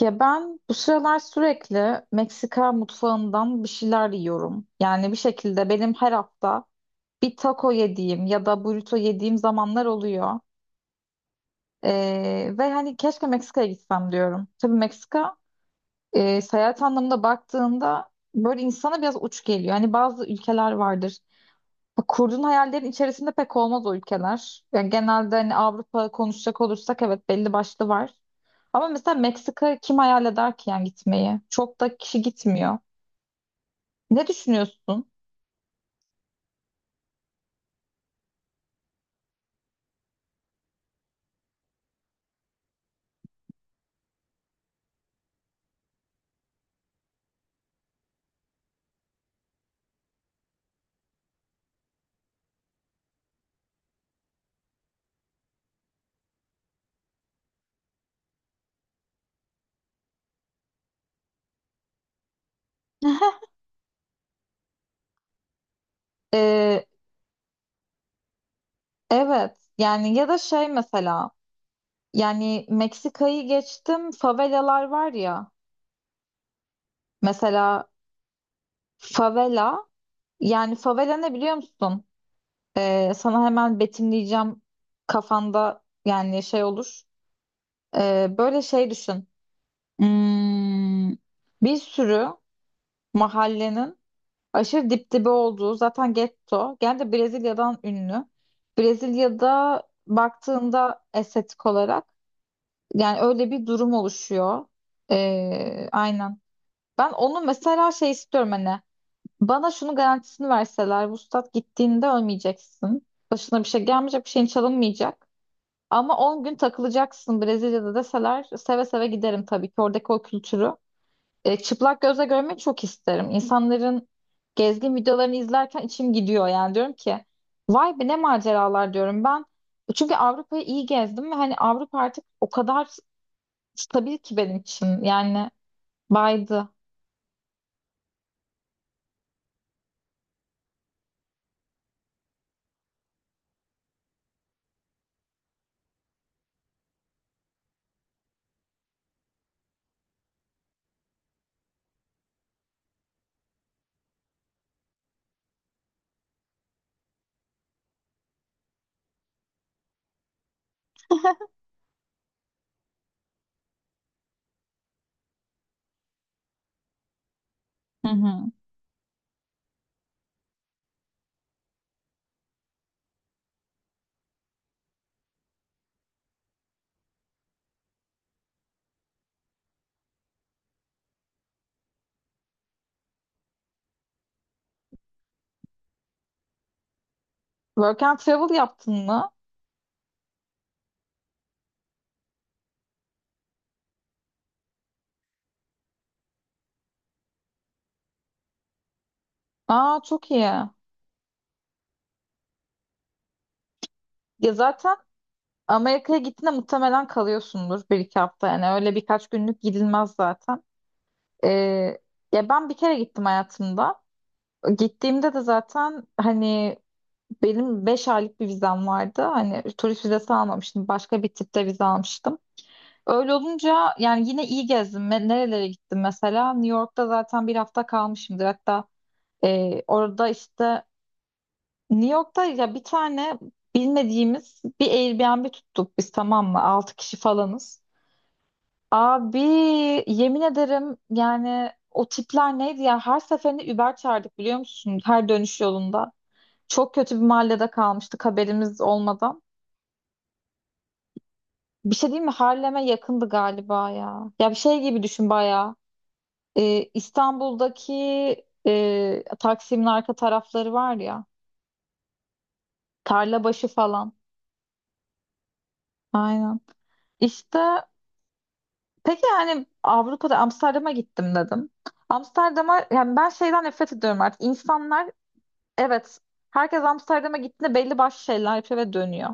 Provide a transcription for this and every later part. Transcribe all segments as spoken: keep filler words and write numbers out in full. Ya ben bu sıralar sürekli Meksika mutfağından bir şeyler yiyorum. Yani bir şekilde benim her hafta bir taco yediğim ya da burrito yediğim zamanlar oluyor. Ee, ve hani keşke Meksika'ya gitsem diyorum. Tabii Meksika e, seyahat anlamında baktığında böyle insana biraz uç geliyor. Hani bazı ülkeler vardır. Bu kurduğun hayallerin içerisinde pek olmaz o ülkeler. Yani genelde hani Avrupa konuşacak olursak evet belli başlı var. Ama mesela Meksika kim hayal eder ki yani gitmeyi? Çok da kişi gitmiyor. Ne düşünüyorsun? Ee, evet yani ya da şey mesela yani Meksika'yı geçtim, favelalar var ya, mesela favela, yani favela ne biliyor musun? Ee, sana hemen betimleyeceğim, kafanda yani şey olur. Ee, böyle şey düşün. Hmm, bir sürü mahallenin aşırı dip dibe olduğu zaten getto. Gene de Brezilya'dan ünlü. Brezilya'da baktığında estetik olarak yani öyle bir durum oluşuyor. Ee, aynen. Ben onu mesela şey istiyorum, hani bana şunun garantisini verseler Vuslat gittiğinde ölmeyeceksin. Başına bir şey gelmeyecek, bir şeyin çalınmayacak. Ama on gün takılacaksın Brezilya'da deseler seve seve giderim, tabii ki oradaki o kültürü. E, çıplak gözle görmeyi çok isterim. İnsanların gezgin videolarını izlerken içim gidiyor, yani diyorum ki vay be ne maceralar diyorum ben. Çünkü Avrupa'yı iyi gezdim ve hani Avrupa artık o kadar stabil ki benim için. Yani baydı. Hı hı. Work and travel yaptın mı? Aa çok iyi. Ya zaten Amerika'ya gittiğinde muhtemelen kalıyorsundur bir iki hafta, yani öyle birkaç günlük gidilmez zaten. Ee, Ya ben bir kere gittim hayatımda. Gittiğimde de zaten hani benim beş aylık bir vizem vardı. Hani turist vizesi almamıştım. Başka bir tipte vize almıştım. Öyle olunca yani yine iyi gezdim. Me- Nerelere gittim mesela? New York'ta zaten bir hafta kalmışımdır. Hatta e, orada işte New York'ta ya bir tane bilmediğimiz bir Airbnb tuttuk biz, tamam mı? Altı kişi falanız. Abi yemin ederim yani o tipler neydi ya? Her seferinde Uber çağırdık biliyor musun? Her dönüş yolunda. Çok kötü bir mahallede kalmıştık haberimiz olmadan. Bir şey diyeyim mi? Harlem'e yakındı galiba ya. Ya bir şey gibi düşün bayağı. Ee, İstanbul'daki e, Taksim'in arka tarafları var ya. Tarlabaşı falan. Aynen. İşte peki, yani Avrupa'da Amsterdam'a gittim dedim. Amsterdam'a, yani ben şeyden nefret ediyorum artık. İnsanlar, evet, herkes Amsterdam'a gittiğinde belli başlı şeyler yapıyor ve dönüyor.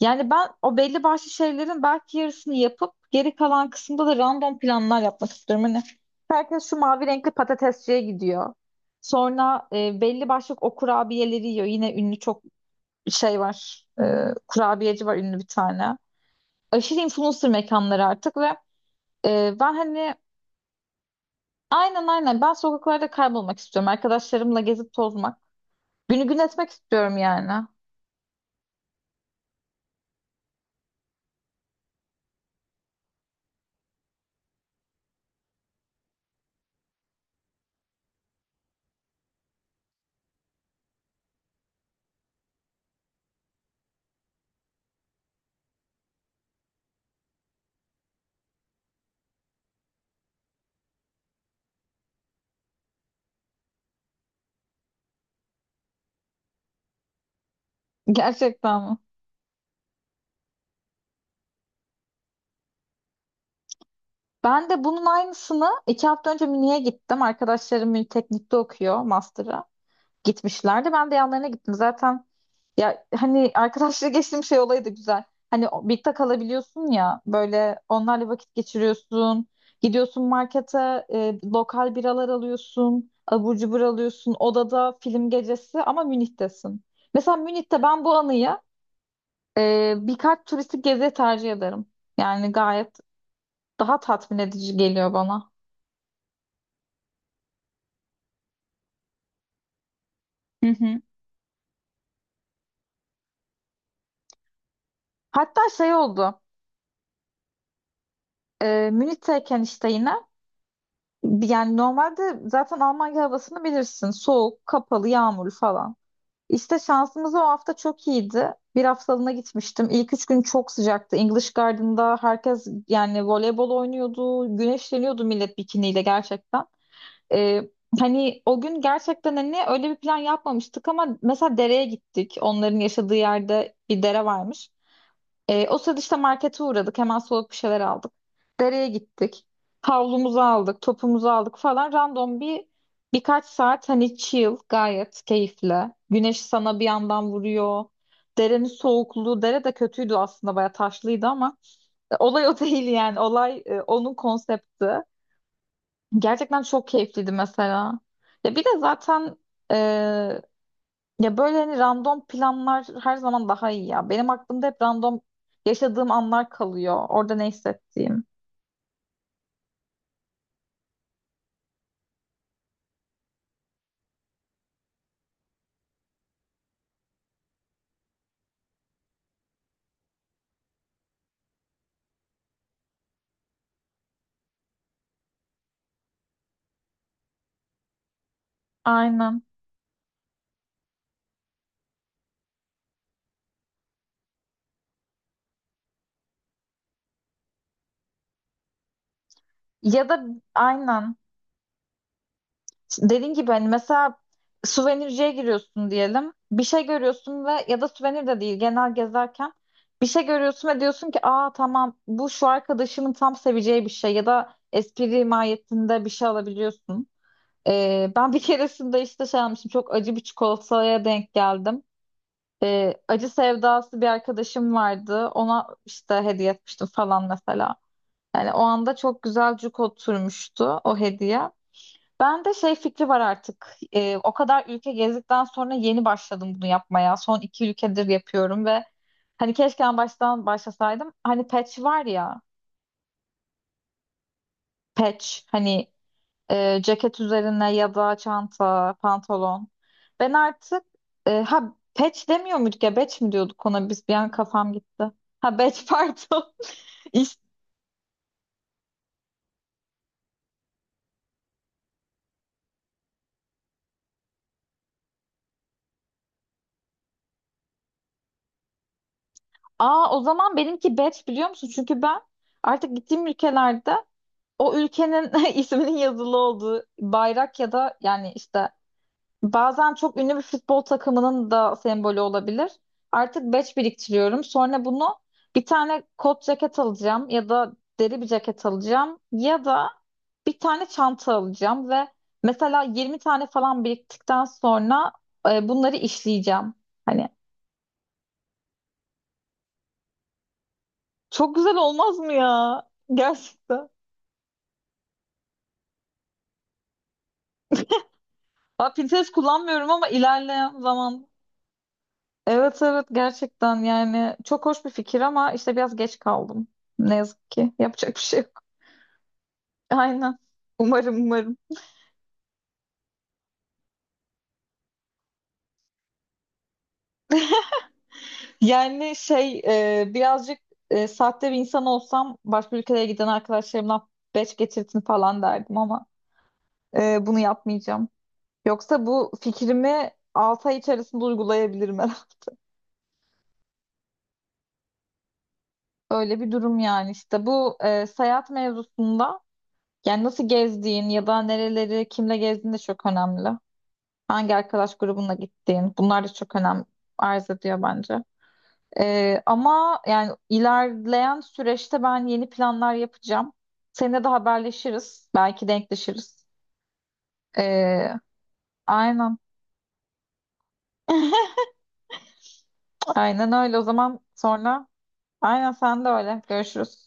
Yani ben o belli başlı şeylerin belki yarısını yapıp geri kalan kısımda da random planlar yapmak istiyorum. Hani herkes şu mavi renkli patatesçiye gidiyor. Sonra e, belli başlı o kurabiyeleri yiyor. Yine ünlü çok şey var. E, kurabiyeci var ünlü bir tane. Aşırı influencer mekanları artık ve e, ben hani aynen aynen ben sokaklarda kaybolmak istiyorum. Arkadaşlarımla gezip tozmak. Günü gün etmek istiyorum yani. Gerçekten mi? Ben de bunun aynısını iki hafta önce Münih'e gittim. Arkadaşlarım Münih Teknik'te okuyor master'a. Gitmişlerdi. Ben de yanlarına gittim. Zaten ya hani arkadaşla geçtiğim şey olayı da güzel. Hani o- birlikte kalabiliyorsun ya, böyle onlarla vakit geçiriyorsun. Gidiyorsun markete, e, lokal biralar alıyorsun. Abur cubur alıyorsun. Odada film gecesi ama Münih'tesin. Mesela Münih'te ben bu anıyı e, birkaç turistik gezi tercih ederim. Yani gayet daha tatmin edici geliyor bana. Hı hı. Hatta şey oldu. E, Münih'teyken işte yine yani normalde zaten Almanya havasını bilirsin. Soğuk, kapalı, yağmurlu falan. İşte şansımız o hafta çok iyiydi. Bir haftalığına gitmiştim. İlk üç gün çok sıcaktı. English Garden'da herkes yani voleybol oynuyordu. Güneşleniyordu millet bikiniyle, gerçekten. E, Hani o gün gerçekten hani öyle bir plan yapmamıştık ama mesela dereye gittik. Onların yaşadığı yerde bir dere varmış. E, o sırada işte markete uğradık. Hemen soğuk bir şeyler aldık. Dereye gittik. Havlumuzu aldık, topumuzu aldık falan. Random bir birkaç saat hani chill, gayet keyifli. Güneş sana bir yandan vuruyor. Derenin soğukluğu, dere de kötüydü aslında, bayağı taşlıydı ama e, olay o değil yani. Olay e, onun konsepti. Gerçekten çok keyifliydi mesela. Ya bir de zaten e, ya böyle hani random planlar her zaman daha iyi ya. Benim aklımda hep random yaşadığım anlar kalıyor. Orada ne hissettiğim. Aynen. Ya da aynen. Dediğin gibi hani mesela suvenirciye giriyorsun diyelim. Bir şey görüyorsun ve ya da suvenir de değil, genel gezerken bir şey görüyorsun ve diyorsun ki aa tamam, bu şu arkadaşımın tam seveceği bir şey ya da espri mahiyetinde bir şey alabiliyorsun. Ee, ben bir keresinde işte şey almıştım, çok acı bir çikolataya denk geldim. Ee, acı sevdası bir arkadaşım vardı, ona işte hediye etmiştim falan mesela. Yani o anda çok güzel cuk oturmuştu o hediye. Ben de şey fikri var artık. Ee, o kadar ülke gezdikten sonra yeni başladım bunu yapmaya. Son iki ülkedir yapıyorum ve hani keşke en baştan başlasaydım. Hani patch var ya, patch, hani e, ceket üzerine ya da çanta, pantolon. Ben artık e, ha patch demiyor muyduk ya, batch mi diyorduk ona biz, bir an kafam gitti. Ha batch pardon. İşte- Aa o zaman benimki batch biliyor musun? Çünkü ben artık gittiğim ülkelerde o ülkenin isminin yazılı olduğu bayrak ya da yani işte bazen çok ünlü bir futbol takımının da sembolü olabilir. Artık batch biriktiriyorum. Sonra bunu bir tane kot ceket alacağım ya da deri bir ceket alacağım ya da bir tane çanta alacağım ve mesela yirmi tane falan biriktikten sonra e, bunları işleyeceğim. Hani çok güzel olmaz mı ya? Gerçekten. Ha, Pinterest kullanmıyorum ama ilerleyen zaman evet evet gerçekten yani çok hoş bir fikir ama işte biraz geç kaldım. Ne yazık ki yapacak bir şey yok. Aynen. Umarım umarım. Yani şey e, birazcık e, sahte bir insan olsam başka ülkelere giden arkadaşlarımdan beş getirtin falan derdim ama e, bunu yapmayacağım. Yoksa bu fikrimi altı ay içerisinde uygulayabilirim herhalde. Öyle bir durum, yani işte bu e, seyahat mevzusunda yani nasıl gezdiğin ya da nereleri kimle gezdiğin de çok önemli. Hangi arkadaş grubuna gittiğin. Bunlar da çok önem arz ediyor bence. Ee, ama yani ilerleyen süreçte ben yeni planlar yapacağım. Seninle de haberleşiriz. Belki denkleşiriz. Ee, aynen. Aynen öyle. O zaman sonra aynen sen de öyle. Görüşürüz.